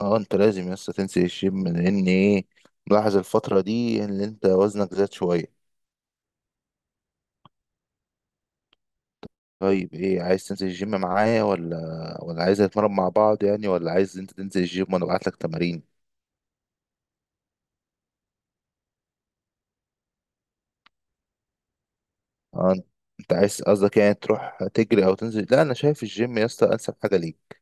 اه انت لازم لسه تنسي الجيم لان ايه، ملاحظ الفترة دي ان انت وزنك زاد شوية. طيب ايه، عايز تنزل الجيم معايا ولا عايز نتمرن مع بعض يعني، ولا عايز انت تنزل الجيم وانا ابعت لك تمارين؟ اه انت أنت عايز قصدك يعني تروح تجري او تنزل؟ لا انا شايف الجيم يا اسطى انسب حاجة ليك.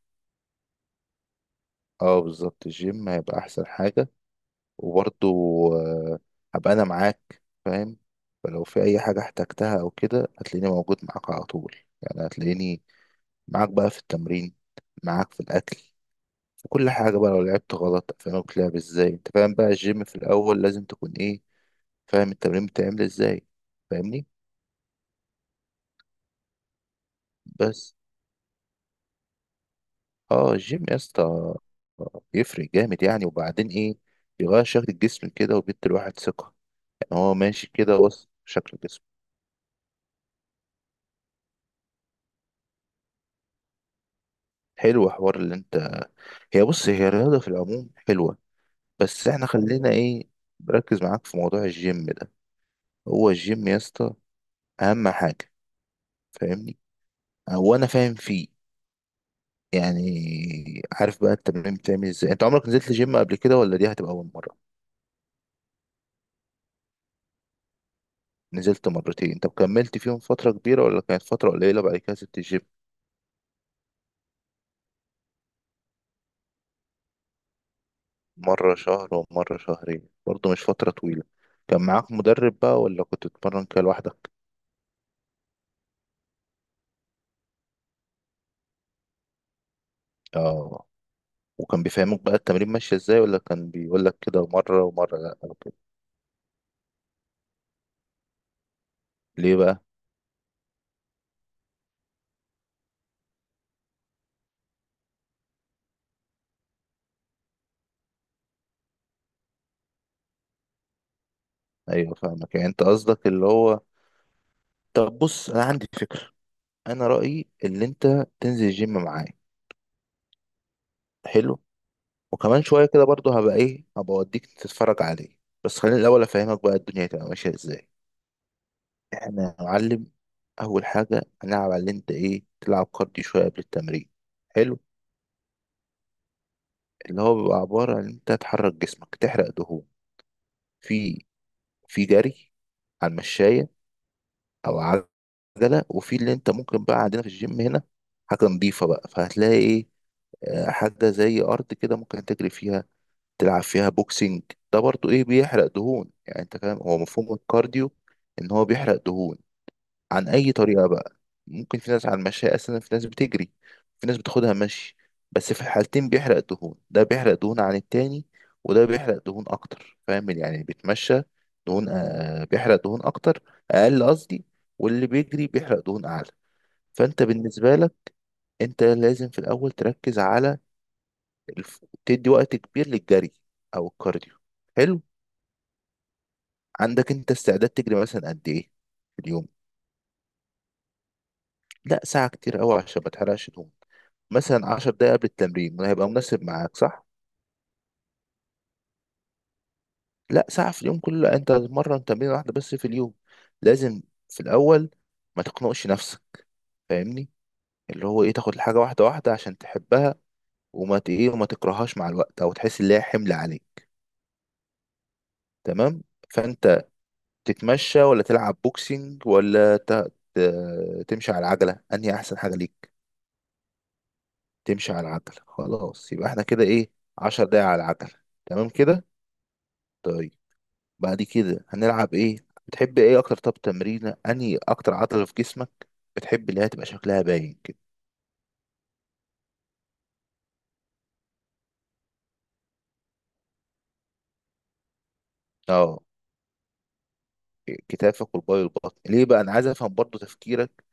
اه بالظبط، الجيم هيبقى احسن حاجة. وبرضه آه، هبقى انا معاك فاهم، فلو في اي حاجة احتجتها او كده هتلاقيني موجود معاك على طول. يعني هتلاقيني معاك بقى في التمرين، معاك في الأكل، في كل حاجة بقى. لو لعبت غلط أفهمك لعب ازاي، انت فاهم بقى الجيم في الأول لازم تكون ايه، فاهم التمرين بتعمل ازاي، فاهمني؟ بس اه الجيم يا اسطى يفرق جامد يعني، وبعدين ايه، بيغير شكل الجسم كده وبيدي الواحد ثقة. يعني هو ماشي كده، بص شكل الجسم. حلو حوار اللي انت، هي بص هي الرياضة في العموم حلوة، بس احنا خلينا ايه، بركز معاك في موضوع الجيم ده. هو الجيم يا اسطى أهم حاجة، فاهمني؟ هو انا فاهم فيه يعني، عارف بقى التمرين بتعمل ازاي؟ انت عمرك نزلت جيم قبل كده ولا دي هتبقى اول مره؟ نزلت مرتين، طب كملت فيهم فتره كبيره ولا كانت فتره قليله بعد كده سبت الجيم؟ مره شهر ومره شهرين برضه مش فتره طويله. كان معاك مدرب بقى ولا كنت بتتمرن كده لوحدك؟ اه، وكان بيفهمك بقى التمرين ماشي ازاي، ولا كان بيقول لك كده مره ومره لا أو كده؟ ليه بقى؟ ايوه فاهمك، يعني انت قصدك اللي هو، طب بص انا عندي فكره. انا رايي اللي انت تنزل الجيم معايا. حلو. وكمان شوية كده برضه هبقى ايه، هبقى اوديك تتفرج عليه. بس خليني الأول أفهمك بقى الدنيا هتبقى ماشية ازاي. احنا يا معلم أول حاجة هنلعب على اللي انت ايه، تلعب كارديو شوية قبل التمرين. حلو. اللي هو بيبقى عبارة عن انت تحرك جسمك تحرق دهون. في في جري على المشاية، أو على العجلة. وفي اللي انت ممكن بقى عندنا في الجيم هنا حاجة نضيفة بقى، فهتلاقي ايه، حاجة زي أرض كده ممكن تجري فيها، تلعب فيها بوكسنج. ده برضو ايه، بيحرق دهون. يعني انت فاهم هو مفهوم الكارديو، ان هو بيحرق دهون. عن اي طريقة بقى؟ ممكن في ناس على المشاية اساسا، في ناس بتجري، في ناس بتاخدها مشي. بس في الحالتين بيحرق دهون. ده بيحرق دهون عن التاني، وده بيحرق دهون اكتر. فاهم؟ يعني اللي بيتمشى دهون آه بيحرق دهون اكتر، اقل قصدي. واللي بيجري بيحرق دهون اعلى. فانت بالنسبة لك، انت لازم في الاول تركز على تدي وقت كبير للجري او الكارديو. حلو. عندك انت استعداد تجري مثلا قد ايه في اليوم؟ لا ساعة كتير قوي عشان ما تحرقش دهون. مثلا 10 دقايق قبل التمرين هيبقى مناسب معاك، صح؟ لا ساعة في اليوم كله، انت هتتمرن تمرين واحدة بس في اليوم. لازم في الاول ما تقنقش نفسك، فاهمني؟ اللي هو ايه، تاخد الحاجة واحدة واحدة عشان تحبها، وما ت- ايه وما تكرههاش مع الوقت او تحس ان هي حمل عليك. تمام. فانت تتمشى ولا تلعب بوكسينج تمشي على العجلة، انهي احسن حاجة ليك؟ تمشي على العجلة، خلاص يبقى احنا كده ايه، عشر دقايق على العجلة، تمام كده. طيب بعد كده هنلعب ايه، بتحب ايه اكتر؟ طب تمرين انهي اكتر عضلة في جسمك بتحب اللي هي تبقى شكلها باين كده؟ اه كتافك والباي والبطن. ليه بقى؟ انا عايز افهم برضو تفكيرك.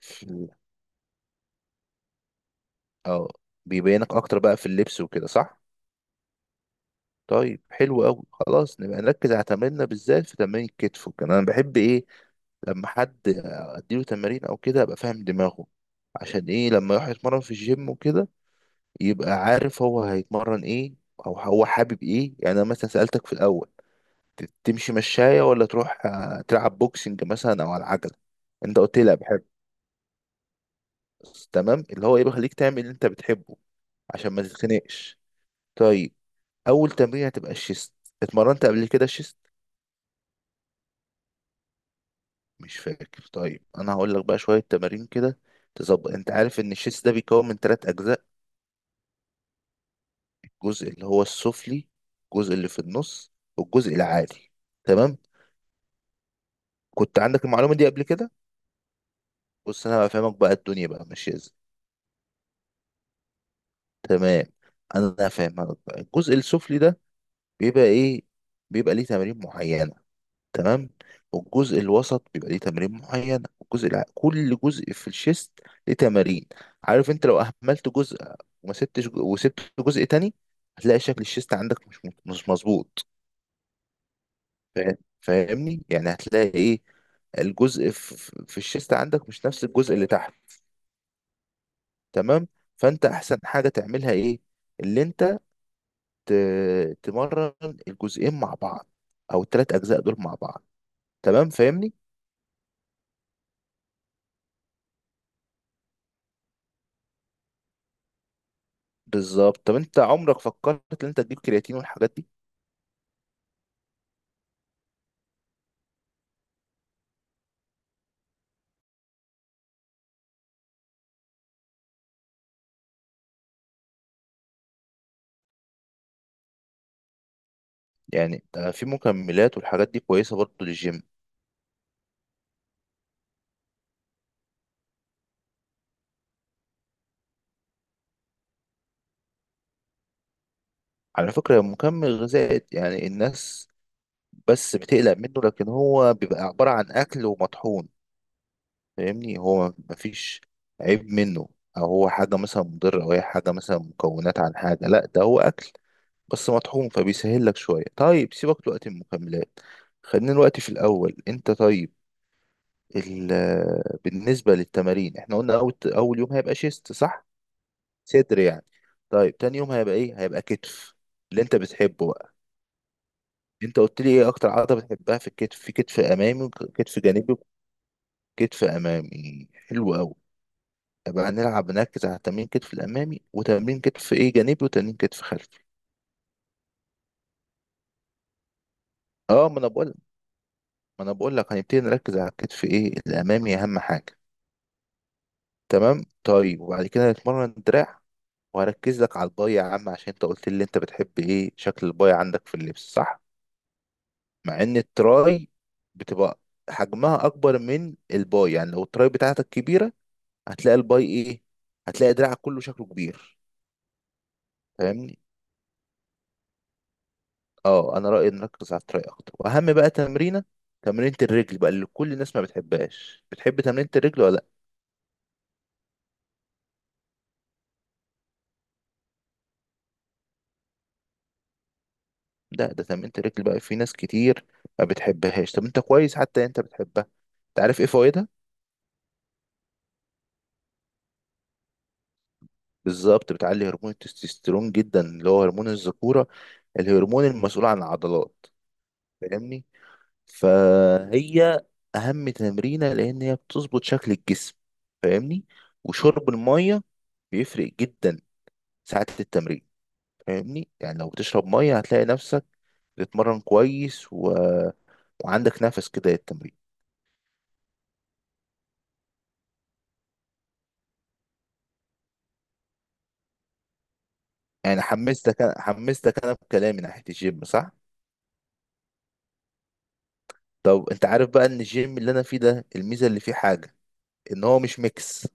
في ال- اه، بيبينك اكتر بقى في اللبس وكده، صح؟ طيب حلو قوي، خلاص نبقى نركز على تمريننا بالذات في تمرين الكتف وكده. انا بحب ايه، لما حد اديله تمارين او كده ابقى فاهم دماغه، عشان ايه، لما يروح يتمرن في الجيم وكده يبقى عارف هو هيتمرن ايه، او هو حابب ايه. يعني انا مثلا سألتك في الاول، تمشي مشاية ولا تروح تلعب بوكسنج مثلا او على العجلة، انت قلت لي لا بحب. تمام، اللي هو ايه، بيخليك تعمل اللي انت بتحبه عشان ما تتخنقش. طيب اول تمرين هتبقى الشيست. اتمرنت قبل كده الشيست؟ مش فاكر؟ طيب انا هقول لك بقى شوية تمارين كده تظبط. انت عارف ان الشيست ده بيتكون من ثلاث اجزاء؟ الجزء اللي هو السفلي، الجزء اللي في النص، والجزء العالي، تمام؟ كنت عندك المعلومة دي قبل كده؟ بص انا هفهمك بقى الدنيا بقى ماشية ازاي. تمام. انا هفهمك بقى. الجزء السفلي ده بيبقى ايه، بيبقى ليه تمارين معينة، تمام؟ والجزء الوسط بيبقى ليه تمارين معينة، والجزء الع... كل جزء في الشيست ليه تمارين. عارف انت لو اهملت جزء وسبت جزء تاني، هتلاقي شكل الشيست عندك مش مظبوط. فاهمني؟ يعني هتلاقي ايه، الجزء في الشيست عندك مش نفس الجزء اللي تحت، تمام؟ فانت احسن حاجة تعملها ايه، اللي انت تمرن الجزئين مع بعض، او الثلاث اجزاء دول مع بعض، تمام فاهمني؟ بالظبط. طب انت عمرك فكرت ان انت تجيب كرياتين والحاجات دي؟ يعني ده في مكملات والحاجات دي كويسة برضه للجيم. على فكرة مكمل غذائي يعني الناس بس بتقلق منه، لكن هو بيبقى عبارة عن اكل ومطحون. فاهمني؟ هو مفيش عيب منه، او هو حاجه مثلا مضره او هي حاجه مثلا مكونات عن حاجه. لا ده هو اكل بس مطحون، فبيسهل لك شويه. طيب سيبك دلوقتي من المكملات، خلينا دلوقتي في الاول انت. طيب ال بالنسبه للتمارين احنا قلنا اول يوم هيبقى شيست، صح؟ صدر يعني. طيب تاني يوم هيبقى ايه، هيبقى كتف، اللي انت بتحبه بقى. انت قلت لي ايه اكتر عضله بتحبها في الكتف، في كتف امامي وكتف جانبي. وكتف امامي؟ حلو قوي. يبقى هنلعب نركز على تمرين كتف الامامي، وتمرين كتف ايه جانبي، وتمرين كتف خلفي. اه ما انا بقول لك هنبتدي نركز على الكتف ايه الامامي اهم حاجه. تمام. طيب وبعد كده هنتمرن دراع، وهركز لك على الباي يا عم عشان انت قلت لي انت بتحب ايه شكل الباي عندك في اللبس، صح؟ مع ان التراي بتبقى حجمها اكبر من الباي. يعني لو التراي بتاعتك كبيره هتلاقي الباي ايه، هتلاقي دراعك كله شكله كبير. فاهمني؟ اه انا رأيي نركز على التراي اكتر، واهم بقى تمرينة، تمرينة الرجل بقى اللي كل الناس ما بتحبهاش. بتحب تمرينة الرجل ولا؟ لا ده تمرينة الرجل بقى في ناس كتير ما بتحبهاش. طب انت كويس حتى، انت بتحبها. انت عارف ايه فوائدها؟ بالظبط، بتعلي هرمون التستوستيرون جدا، اللي هو هرمون الذكورة، الهرمون المسؤول عن العضلات، فاهمني؟ فهي اهم تمرينة لان هي بتظبط شكل الجسم، فاهمني. وشرب المية بيفرق جدا ساعة التمرين، فاهمني. يعني لو بتشرب ميه هتلاقي نفسك بتتمرن كويس و... وعندك نفس كده للتمرين. يعني حمستك، انا حمستك انا بكلامي ناحيه الجيم، صح؟ طب انت عارف بقى ان الجيم اللي انا فيه ده الميزه اللي فيه حاجه، ان هو مش ميكس،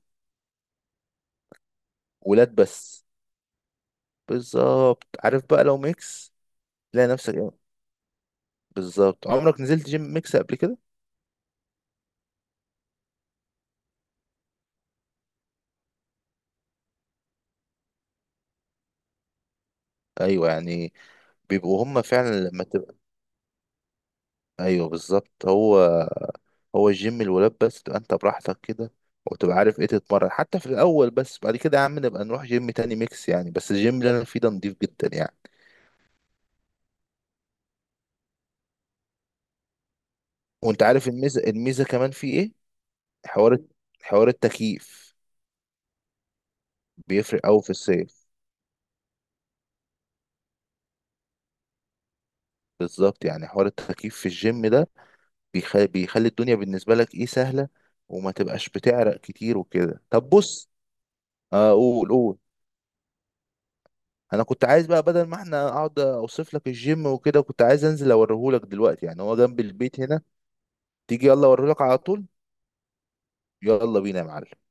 ولاد بس. بالظبط. عارف بقى لو ميكس تلاقي نفسك ايه؟ بالظبط. عمرك نزلت جيم ميكس قبل كده؟ ايوه يعني بيبقوا هما فعلا لما تبقى، ايوه بالظبط. هو الجيم الولاد بس تبقى انت براحتك كده، وتبقى عارف ايه تتمرن حتى في الاول. بس بعد كده يا عم نبقى نروح جيم تاني ميكس يعني، بس الجيم اللي انا فيه ده نضيف جدا يعني. وانت عارف الميزه، كمان فيه ايه، حوار، حوار التكييف. بيفرق قوي في الصيف. بالظبط، يعني حوار التكييف في الجيم ده بيخلي الدنيا بالنسبه لك ايه، سهله، وما تبقاش بتعرق كتير وكده. طب بص، اقول قول قول. انا كنت عايز بقى بدل ما احنا اقعد اوصف لك الجيم وكده، كنت عايز انزل اوريهولك دلوقتي، يعني هو جنب البيت هنا. تيجي يلا اوريهولك على طول. يلا بينا يا معلم.